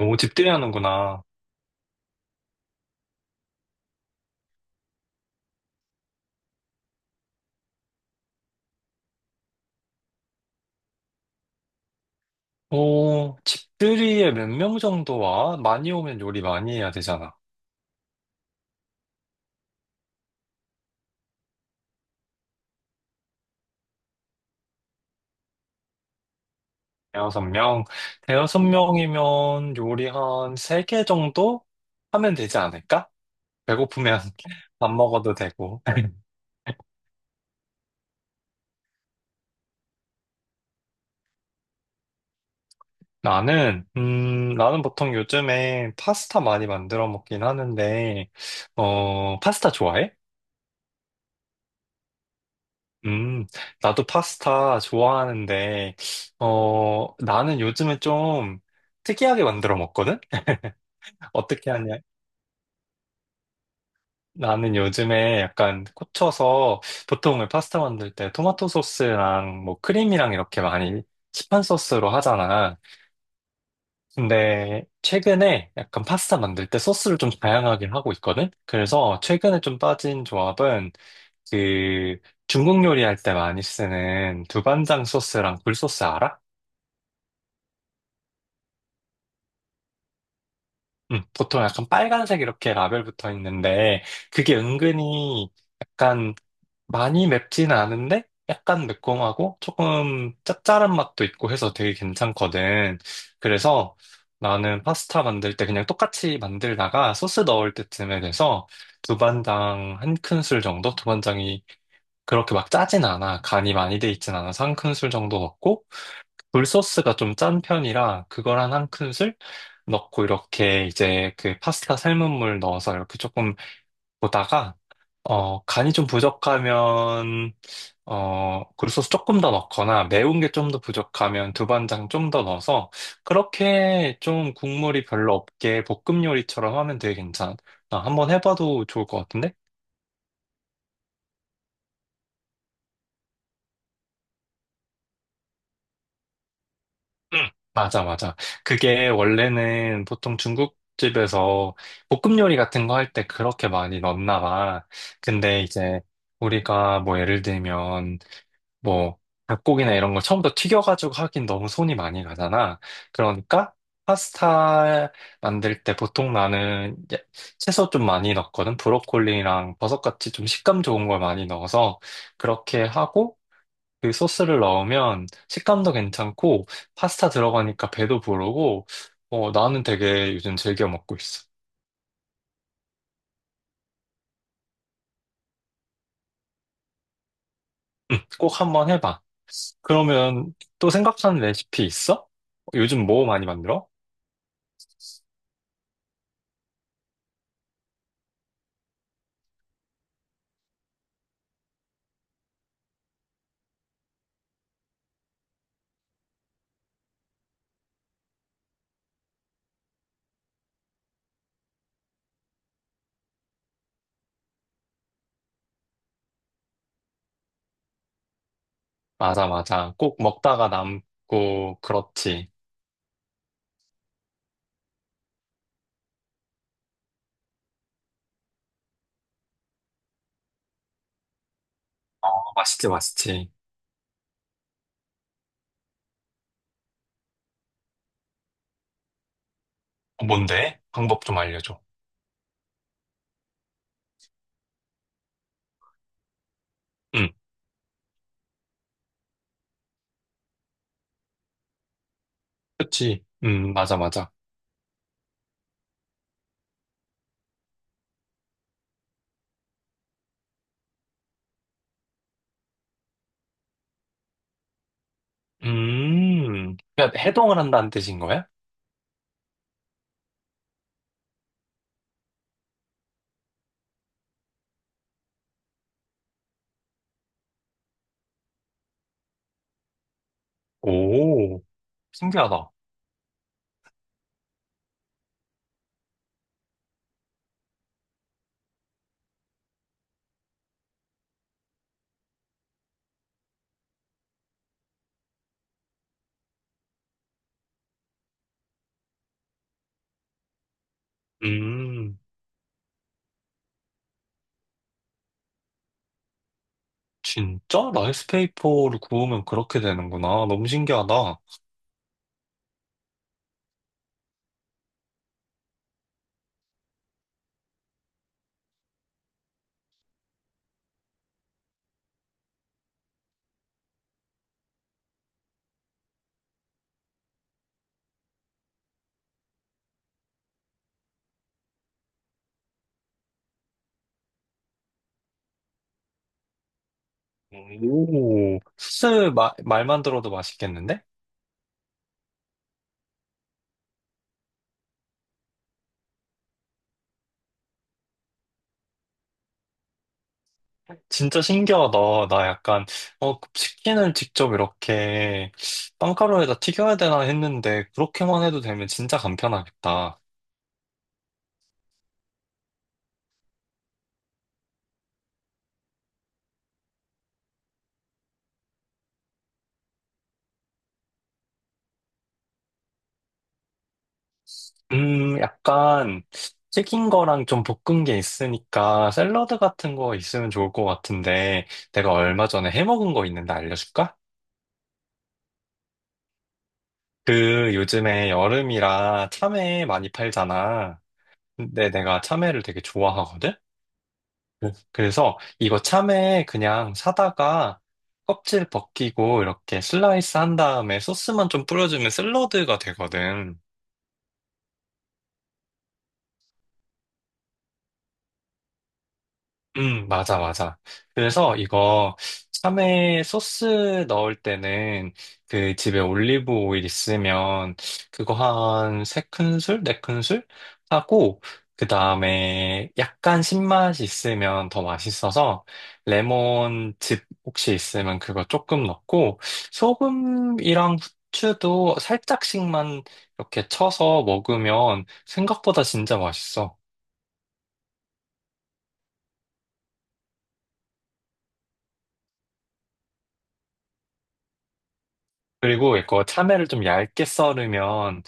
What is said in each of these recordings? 오, 집들이 하는구나. 오, 집들이에 몇 명 정도 와? 많이 오면 요리 많이 해야 되잖아. 대여섯 명. 대여섯 명이면 요리 한 세 개 정도 하면 되지 않을까? 배고프면 밥 먹어도 되고. 나는 보통 요즘에 파스타 많이 만들어 먹긴 하는데, 파스타 좋아해? 음, 나도 파스타 좋아하는데, 나는 요즘에 좀 특이하게 만들어 먹거든? 어떻게 하냐? 나는 요즘에 약간 꽂혀서 보통 파스타 만들 때 토마토 소스랑 뭐 크림이랑 이렇게 많이 시판 소스로 하잖아. 근데 최근에 약간 파스타 만들 때 소스를 좀 다양하게 하고 있거든? 그래서 최근에 좀 빠진 조합은 그 중국 요리할 때 많이 쓰는 두반장 소스랑 굴소스 알아? 응, 보통 약간 빨간색 이렇게 라벨 붙어 있는데 그게 은근히 약간 많이 맵지는 않은데 약간 매콤하고 조금 짭짤한 맛도 있고 해서 되게 괜찮거든. 그래서 나는 파스타 만들 때 그냥 똑같이 만들다가 소스 넣을 때쯤에 돼서 두반장 한 큰술 정도? 두반장이 그렇게 막 짜진 않아. 간이 많이 돼 있진 않아서 한 큰술 정도 넣고, 굴소스가 좀 짠 편이라 그걸 한 한 큰술 넣고 이렇게 이제 그 파스타 삶은 물 넣어서 이렇게 조금 보다가, 간이 좀 부족하면 굴소스 조금 더 넣거나 매운 게 좀 더 부족하면 두반장 좀 더 넣어서 그렇게 좀 국물이 별로 없게 볶음 요리처럼 하면 되게 괜찮아. 한번 해봐도 좋을 것 같은데? 응. 맞아, 맞아. 그게 원래는 보통 중국집에서 볶음 요리 같은 거 할 때 그렇게 많이 넣나 봐. 근데 이제 우리가 뭐 예를 들면 뭐, 닭고기나 이런 걸 처음부터 튀겨가지고 하긴 너무 손이 많이 가잖아. 그러니까, 파스타 만들 때 보통 나는 이제 채소 좀 많이 넣거든. 브로콜리랑 버섯같이 좀 식감 좋은 걸 많이 넣어서 그렇게 하고 그 소스를 넣으면 식감도 괜찮고 파스타 들어가니까 배도 부르고 나는 되게 요즘 즐겨 먹고 있어. 응, 꼭 한번 해봐. 그러면 또 생각하는 레시피 있어? 요즘 뭐 많이 만들어? 맞아, 맞아. 꼭 먹다가 남고, 그렇지. 어, 맛있지, 맛있지. 뭔데? 방법 좀 알려줘. 응, 그치. 맞아, 맞아. 그러니까 해동을 한다는 뜻인 거야? 오, 신기하다. 음. 진짜? 라이스페이퍼를 구우면 그렇게 되는구나. 너무 신기하다. 오, 수제 말만 들어도 맛있겠는데? 진짜 신기하다. 나 약간, 치킨을 직접 이렇게 빵가루에다 튀겨야 되나 했는데, 그렇게만 해도 되면 진짜 간편하겠다. 약간, 튀긴 거랑 좀 볶은 게 있으니까, 샐러드 같은 거 있으면 좋을 것 같은데, 내가 얼마 전에 해 먹은 거 있는데 알려줄까? 그 요즘에 여름이라 참외 많이 팔잖아. 근데 내가 참외를 되게 좋아하거든? 그래서 이거 참외 그냥 사다가 껍질 벗기고 이렇게 슬라이스 한 다음에 소스만 좀 뿌려주면 샐러드가 되거든. 맞아, 맞아. 그래서 이거 참외 소스 넣을 때는 그 집에 올리브 오일 있으면 그거 한 세 큰술, 네 큰술 하고 그 다음에 약간 신맛이 있으면 더 맛있어서 레몬즙 혹시 있으면 그거 조금 넣고 소금이랑 후추도 살짝씩만 이렇게 쳐서 먹으면 생각보다 진짜 맛있어. 그리고 이거 참외를 좀 얇게 썰으면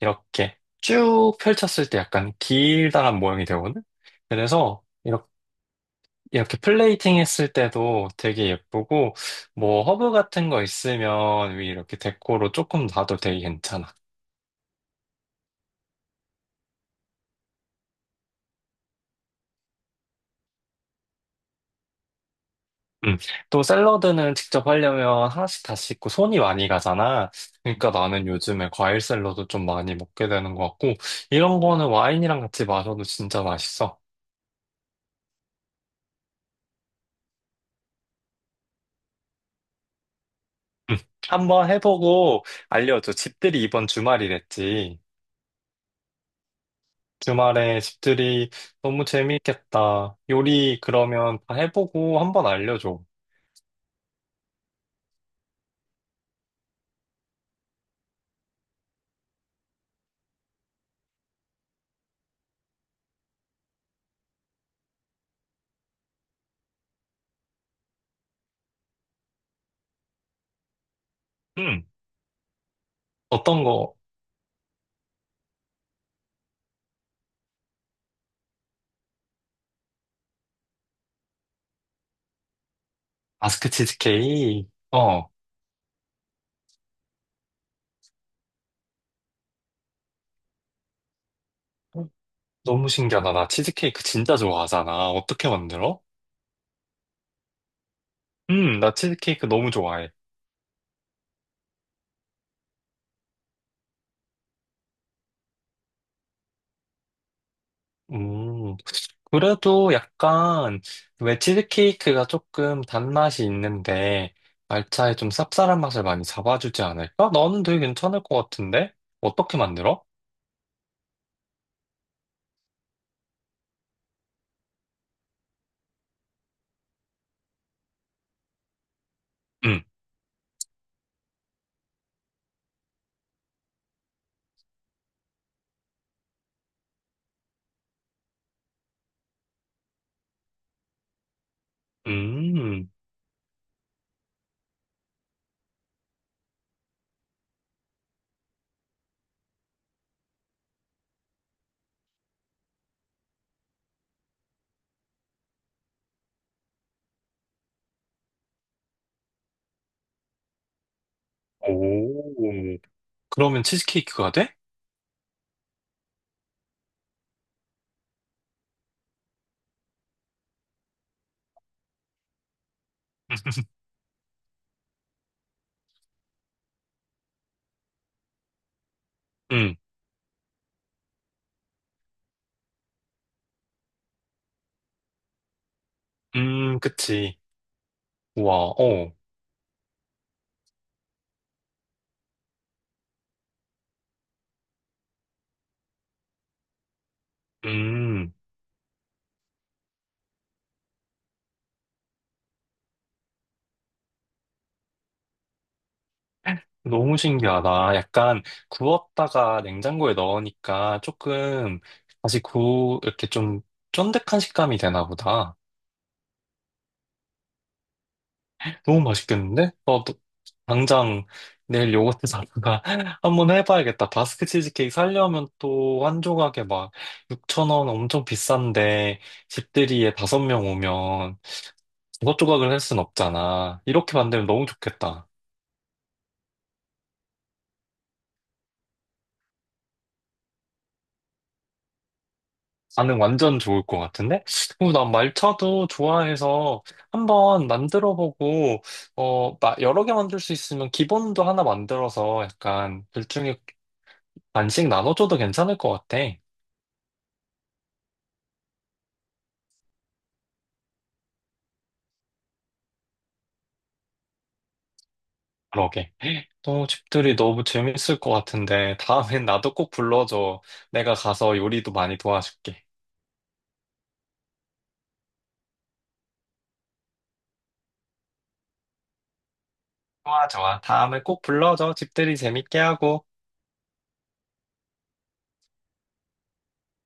이렇게 쭉 펼쳤을 때 약간 길다란 모양이 되거든? 그래서 이렇게, 이렇게 플레이팅 했을 때도 되게 예쁘고, 뭐 허브 같은 거 있으면 위 이렇게 데코로 조금 놔도 되게 괜찮아. 음. 또 샐러드는 직접 하려면 하나씩 다 씻고 손이 많이 가잖아. 그러니까 나는 요즘에 과일 샐러드 좀 많이 먹게 되는 것 같고, 이런 거는 와인이랑 같이 마셔도 진짜 맛있어. 음. 한번 해보고 알려줘. 집들이 이번 주말이랬지. 주말에 집들이 너무 재미있겠다. 요리 그러면 다 해보고 한번 알려줘. 응. 어떤 거? 마스크 치즈케이크? 어. 너무 신기하다. 나 치즈케이크 진짜 좋아하잖아. 어떻게 만들어? 나 치즈케이크 너무 좋아해. 음, 그래도 약간, 왜 치즈케이크가 조금 단맛이 있는데, 말차에 좀 쌉쌀한 맛을 많이 잡아주지 않을까? 나는 되게 괜찮을 것 같은데? 어떻게 만들어? 음, 음. 오, 그러면 치즈케이크가 돼? 응, 그치. 우와, 어, 음, 너무 신기하다. 약간 구웠다가 냉장고에 넣으니까 조금 다시 이렇게 좀 쫀득한 식감이 되나 보다. 너무 맛있겠는데? 당장 내일 요거트 사다가 한번 해봐야겠다. 바스크 치즈케이크 사려면 또 한 조각에 막 6천 원 엄청 비싼데 집들이에 5명 오면 조각조각을 할 순 없잖아. 이렇게 만들면 너무 좋겠다. 반응 완전 좋을 것 같은데? 그난 말차도 좋아해서 한번 만들어보고, 여러 개 만들 수 있으면 기본도 하나 만들어서 약간 둘중에 반씩 나눠줘도 괜찮을 것 같아. 그러게. 또 집들이 너무 재밌을 것 같은데, 다음엔 나도 꼭 불러줘. 내가 가서 요리도 많이 도와줄게. 좋아, 좋아. 다음에 꼭 불러줘. 집들이 재밌게 하고.